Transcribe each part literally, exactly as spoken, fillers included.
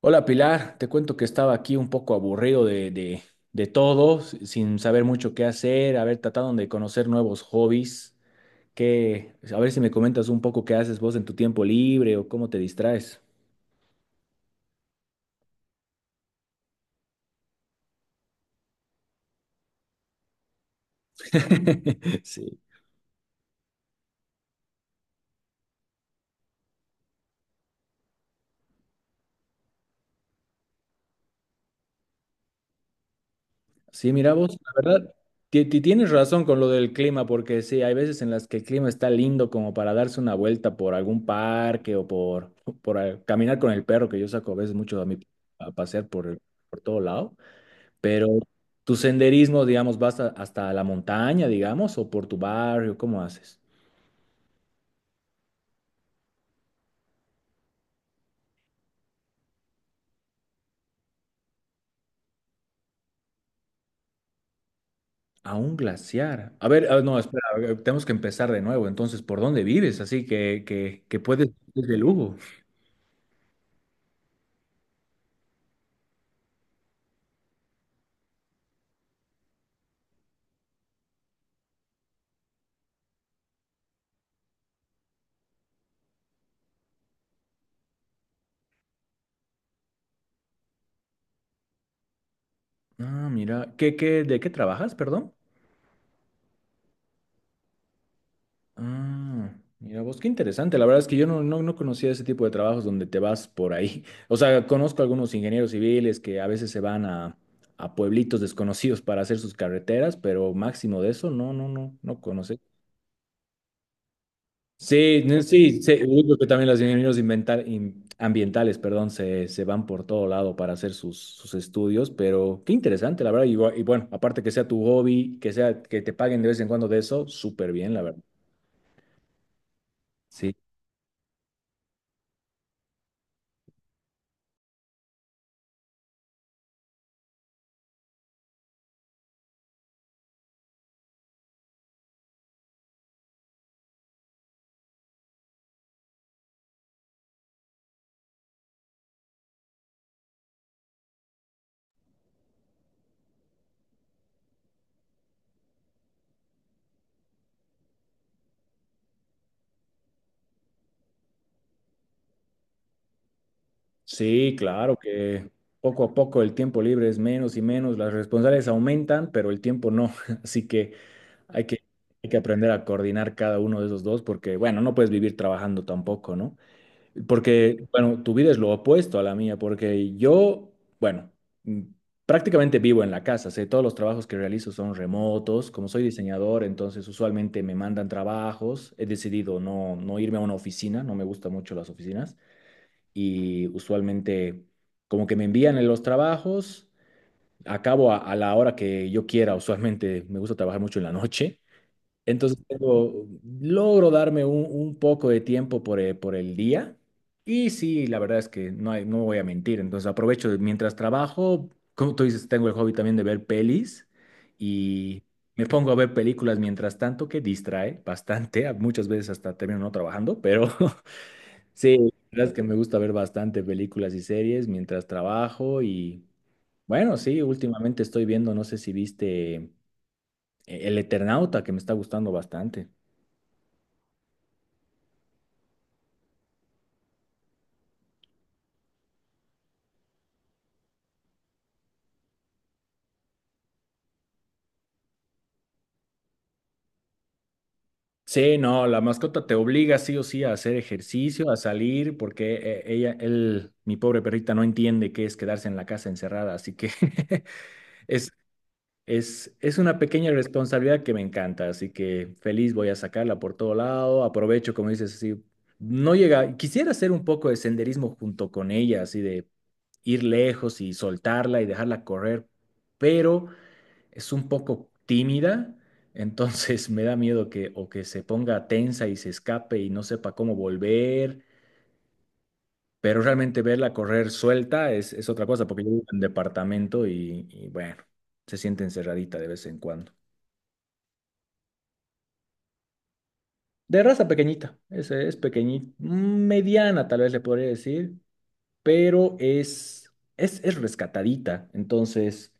Hola Pilar, te cuento que estaba aquí un poco aburrido de, de, de todo, s- sin saber mucho qué hacer, a ver, tratando de conocer nuevos hobbies, que, a ver si me comentas un poco qué haces vos en tu tiempo libre o cómo te distraes. Sí. Sí, mira vos, la verdad, ti- ti- tienes razón con lo del clima, porque sí, hay veces en las que el clima está lindo como para darse una vuelta por algún parque o por, por eh, caminar con el perro, que yo saco a veces mucho a mi, a pasear por, el- por todo lado. Pero tu senderismo, digamos, vas a- hasta la montaña, digamos, o por tu barrio, ¿cómo haces? A un glaciar. A ver, ah, no, espera, a ver, tenemos que empezar de nuevo. Entonces, ¿por dónde vives? Así que, que, que puedes ir de lujo. Ah, mira, ¿qué, qué, de qué trabajas, perdón? Ah, mira vos, qué interesante. La verdad es que yo no, no, no conocía ese tipo de trabajos donde te vas por ahí. O sea, conozco algunos ingenieros civiles que a veces se van a, a pueblitos desconocidos para hacer sus carreteras, pero máximo de eso, no, no, no, no conocí. Sí, no, sí, sí, yo creo que también los ingenieros inventar- in- ambientales, perdón, se, se van por todo lado para hacer sus, sus estudios, pero qué interesante, la verdad. Y, bu- y bueno, aparte que sea tu hobby, que sea que te paguen de vez en cuando de eso, súper bien, la verdad. Sí, sí, claro que poco a poco el tiempo libre es menos y menos, las responsabilidades aumentan, pero el tiempo no. Así que hay que, hay que aprender a coordinar cada uno de esos dos, porque bueno, no puedes vivir trabajando tampoco, ¿no? Porque, bueno, tu vida es lo opuesto a la mía, porque yo, bueno, mm, prácticamente vivo en la casa, sé, todos los trabajos que realizo son remotos, como soy diseñador, entonces usualmente me mandan trabajos, he decidido no, no irme a una oficina, no me gustan mucho las oficinas, y usualmente como que me envían en los trabajos, acabo a, a la hora que yo quiera, usualmente me gusta trabajar mucho en la noche, entonces tengo- logro darme un, un poco de tiempo por el, por el día. Y sí, la verdad es que no hay, no voy a mentir. Entonces aprovecho de- mientras trabajo, como tú dices, tengo el hobby también de ver pelis y me pongo a ver películas mientras tanto, que distrae bastante. a- Muchas veces hasta termino no trabajando, pero sí, la verdad es que me gusta ver bastante películas y series mientras trabajo. Y bueno, sí, últimamente estoy viendo, no sé si viste eh, El Eternauta, que me está gustando bastante. Sí, no, la mascota te obliga sí o sí a hacer ejercicio, a salir, porque eh, ella, él, mi pobre perrita, no entiende qué es quedarse en la casa encerrada, así que es, es, es una pequeña responsabilidad que me encanta, así que feliz voy a sacarla por todo lado, aprovecho, como dices, así, no llega, quisiera hacer un poco de senderismo junto con ella, así de ir lejos y soltarla y dejarla correr, pero es un poco tímida, entonces me da miedo que o que se ponga tensa y se escape y no sepa cómo volver, pero realmente verla correr suelta es, es otra cosa, porque yo vivo en departamento y, y bueno, se siente encerradita de vez en cuando. De raza pequeñita, es, es pequeñita, mediana tal vez le podría decir, pero es, es, es rescatadita, entonces...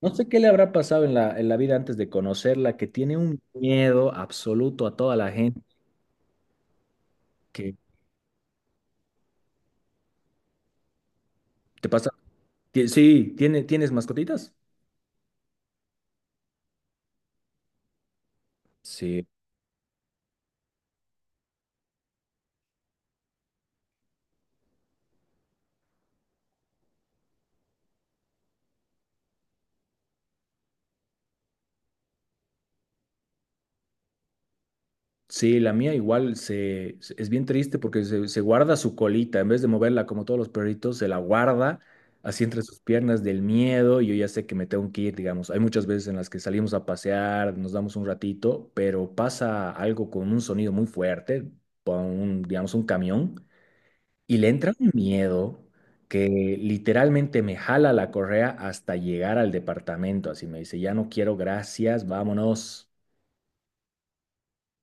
No sé qué le habrá pasado en la, en la vida antes de conocerla, que tiene un miedo absoluto a toda la gente que ¿Te pasa? Ti- Sí, ¿tiene, ¿tienes mascotitas? Sí. Sí, la mía igual se, se- es bien triste porque se, se guarda su colita, en vez de moverla como todos los perritos, se la guarda así entre sus piernas del miedo y yo ya sé que me tengo que ir, digamos. Hay muchas veces en las que salimos a pasear, nos damos un ratito, pero pasa algo con un sonido muy fuerte, con un, digamos, un camión. Y le entra un miedo que literalmente me jala la correa hasta llegar al departamento. Así me dice, ya no quiero, gracias, vámonos.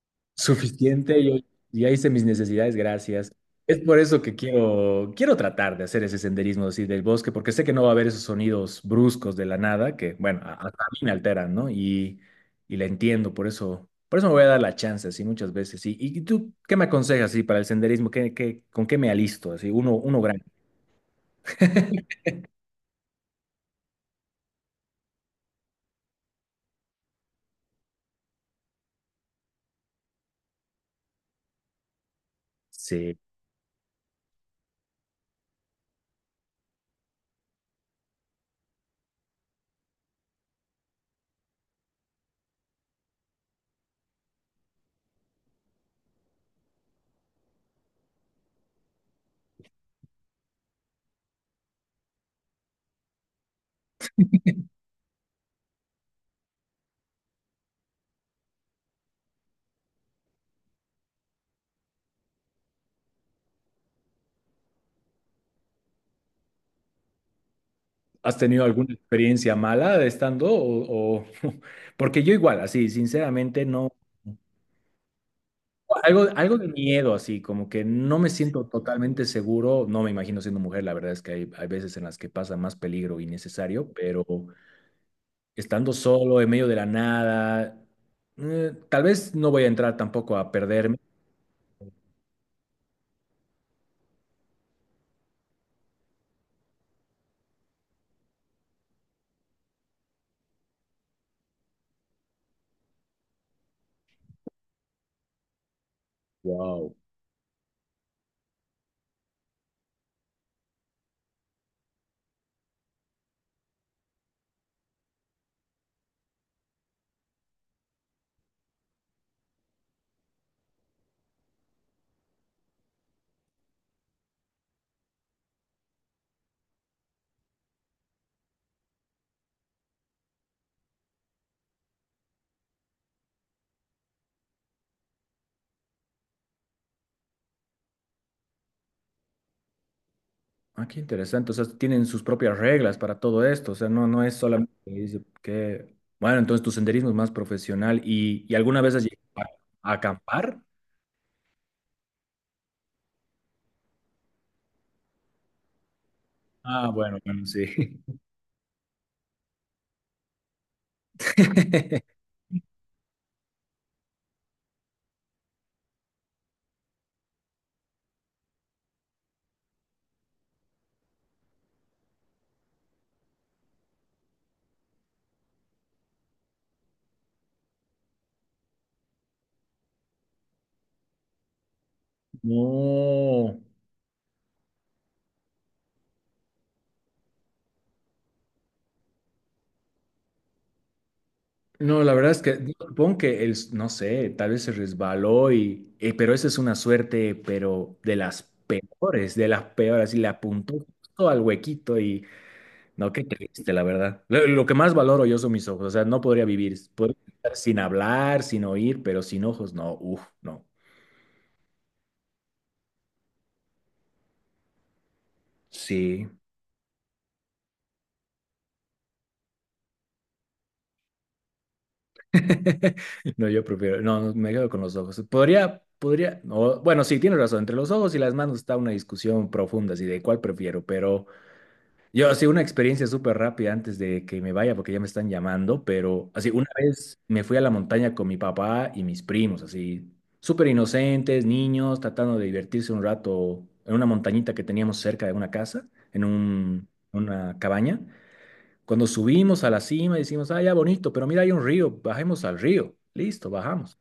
Suficiente, yo ya hice mis necesidades, gracias. Es por eso que quiero, quiero tratar de hacer ese senderismo así del bosque, porque sé que no va a haber esos sonidos bruscos de la nada que, bueno, a, a mí me alteran, ¿no? Y, y la entiendo, por eso, por eso me voy a dar la chance así muchas veces. ¿Y, y tú qué me aconsejas así para el senderismo? ¿Qué, qué, Con qué me alisto? Así, uno, uno grande. Sí. ¿Has tenido alguna experiencia mala de estando? O, o- Porque yo igual, así, sinceramente, no. Algo, algo de miedo, así, como que no me siento totalmente seguro. No me imagino siendo mujer, la verdad es que hay, hay veces en las que pasa más peligro innecesario, pero estando solo, en medio de la nada, eh, tal vez no voy a entrar tampoco a perderme. Wow. Ah, qué interesante. O sea, tienen sus propias reglas para todo esto. O sea, no, no es solamente que dice que. Bueno, entonces tu senderismo es más profesional. ¿Y, y alguna vez has llegado a a acampar? Ah, bueno, bueno, sí. No, no, la verdad es que yo supongo que el, no sé, tal vez se resbaló y, eh, pero esa es una suerte, pero de las peores, de las peores, y le apuntó justo al huequito. No, qué triste, la verdad. Lo, lo que más valoro yo son mis ojos. O sea, no podría vivir. Podría estar sin hablar, sin oír, pero sin ojos, no. Uf, no. Sí. No, yo prefiero. No, me quedo con los ojos. Podría, podría. No, bueno, sí, tienes razón. Entre los ojos y las manos está una discusión profunda, así de cuál prefiero, pero. Yo así una experiencia súper rápida antes de que me vaya porque ya me están llamando, pero así una vez me fui a la montaña con mi papá y mis primos, así súper inocentes, niños, tratando de divertirse un rato en una montañita que teníamos cerca de una casa, en un- una cabaña. Cuando subimos a la cima decimos, ah, ya bonito, pero mira, hay un río, bajemos al río. Listo, bajamos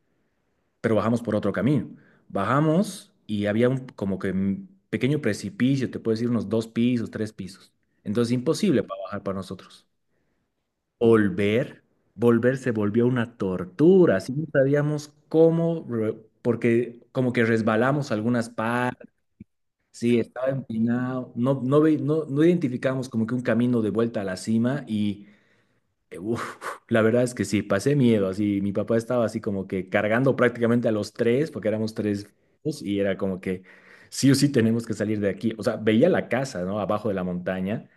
pero bajamos por otro camino. Bajamos y había un como que un pequeño precipicio, te puedes ir unos dos pisos, tres pisos. Entonces imposible para bajar para nosotros. Volver, Volver se volvió una tortura, así no sabíamos cómo, re- porque como que resbalamos algunas partes, sí, estaba empinado, no, no, ve- no, no identificamos como que un camino de vuelta a la cima y eh, uf, la verdad es que sí, pasé miedo, así mi papá estaba así como que cargando prácticamente a los tres, porque éramos tres hijos, y era como que sí o sí tenemos que salir de aquí, o sea, veía la casa, ¿no? Abajo de la montaña.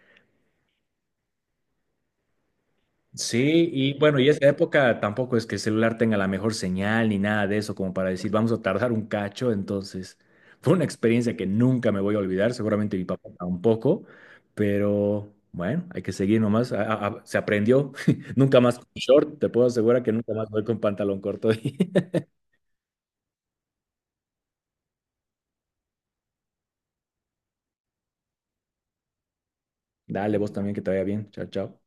Sí, y bueno, y esa época tampoco es que el celular tenga la mejor señal ni nada de eso, como para decir, vamos a tardar un cacho, entonces fue una experiencia que nunca me voy a olvidar, seguramente mi papá tampoco, pero bueno, hay que seguir nomás, a- a- a- se aprendió, nunca más con short, te puedo asegurar que nunca más voy con pantalón corto. Dale, vos también, que te vaya bien, chao, chao.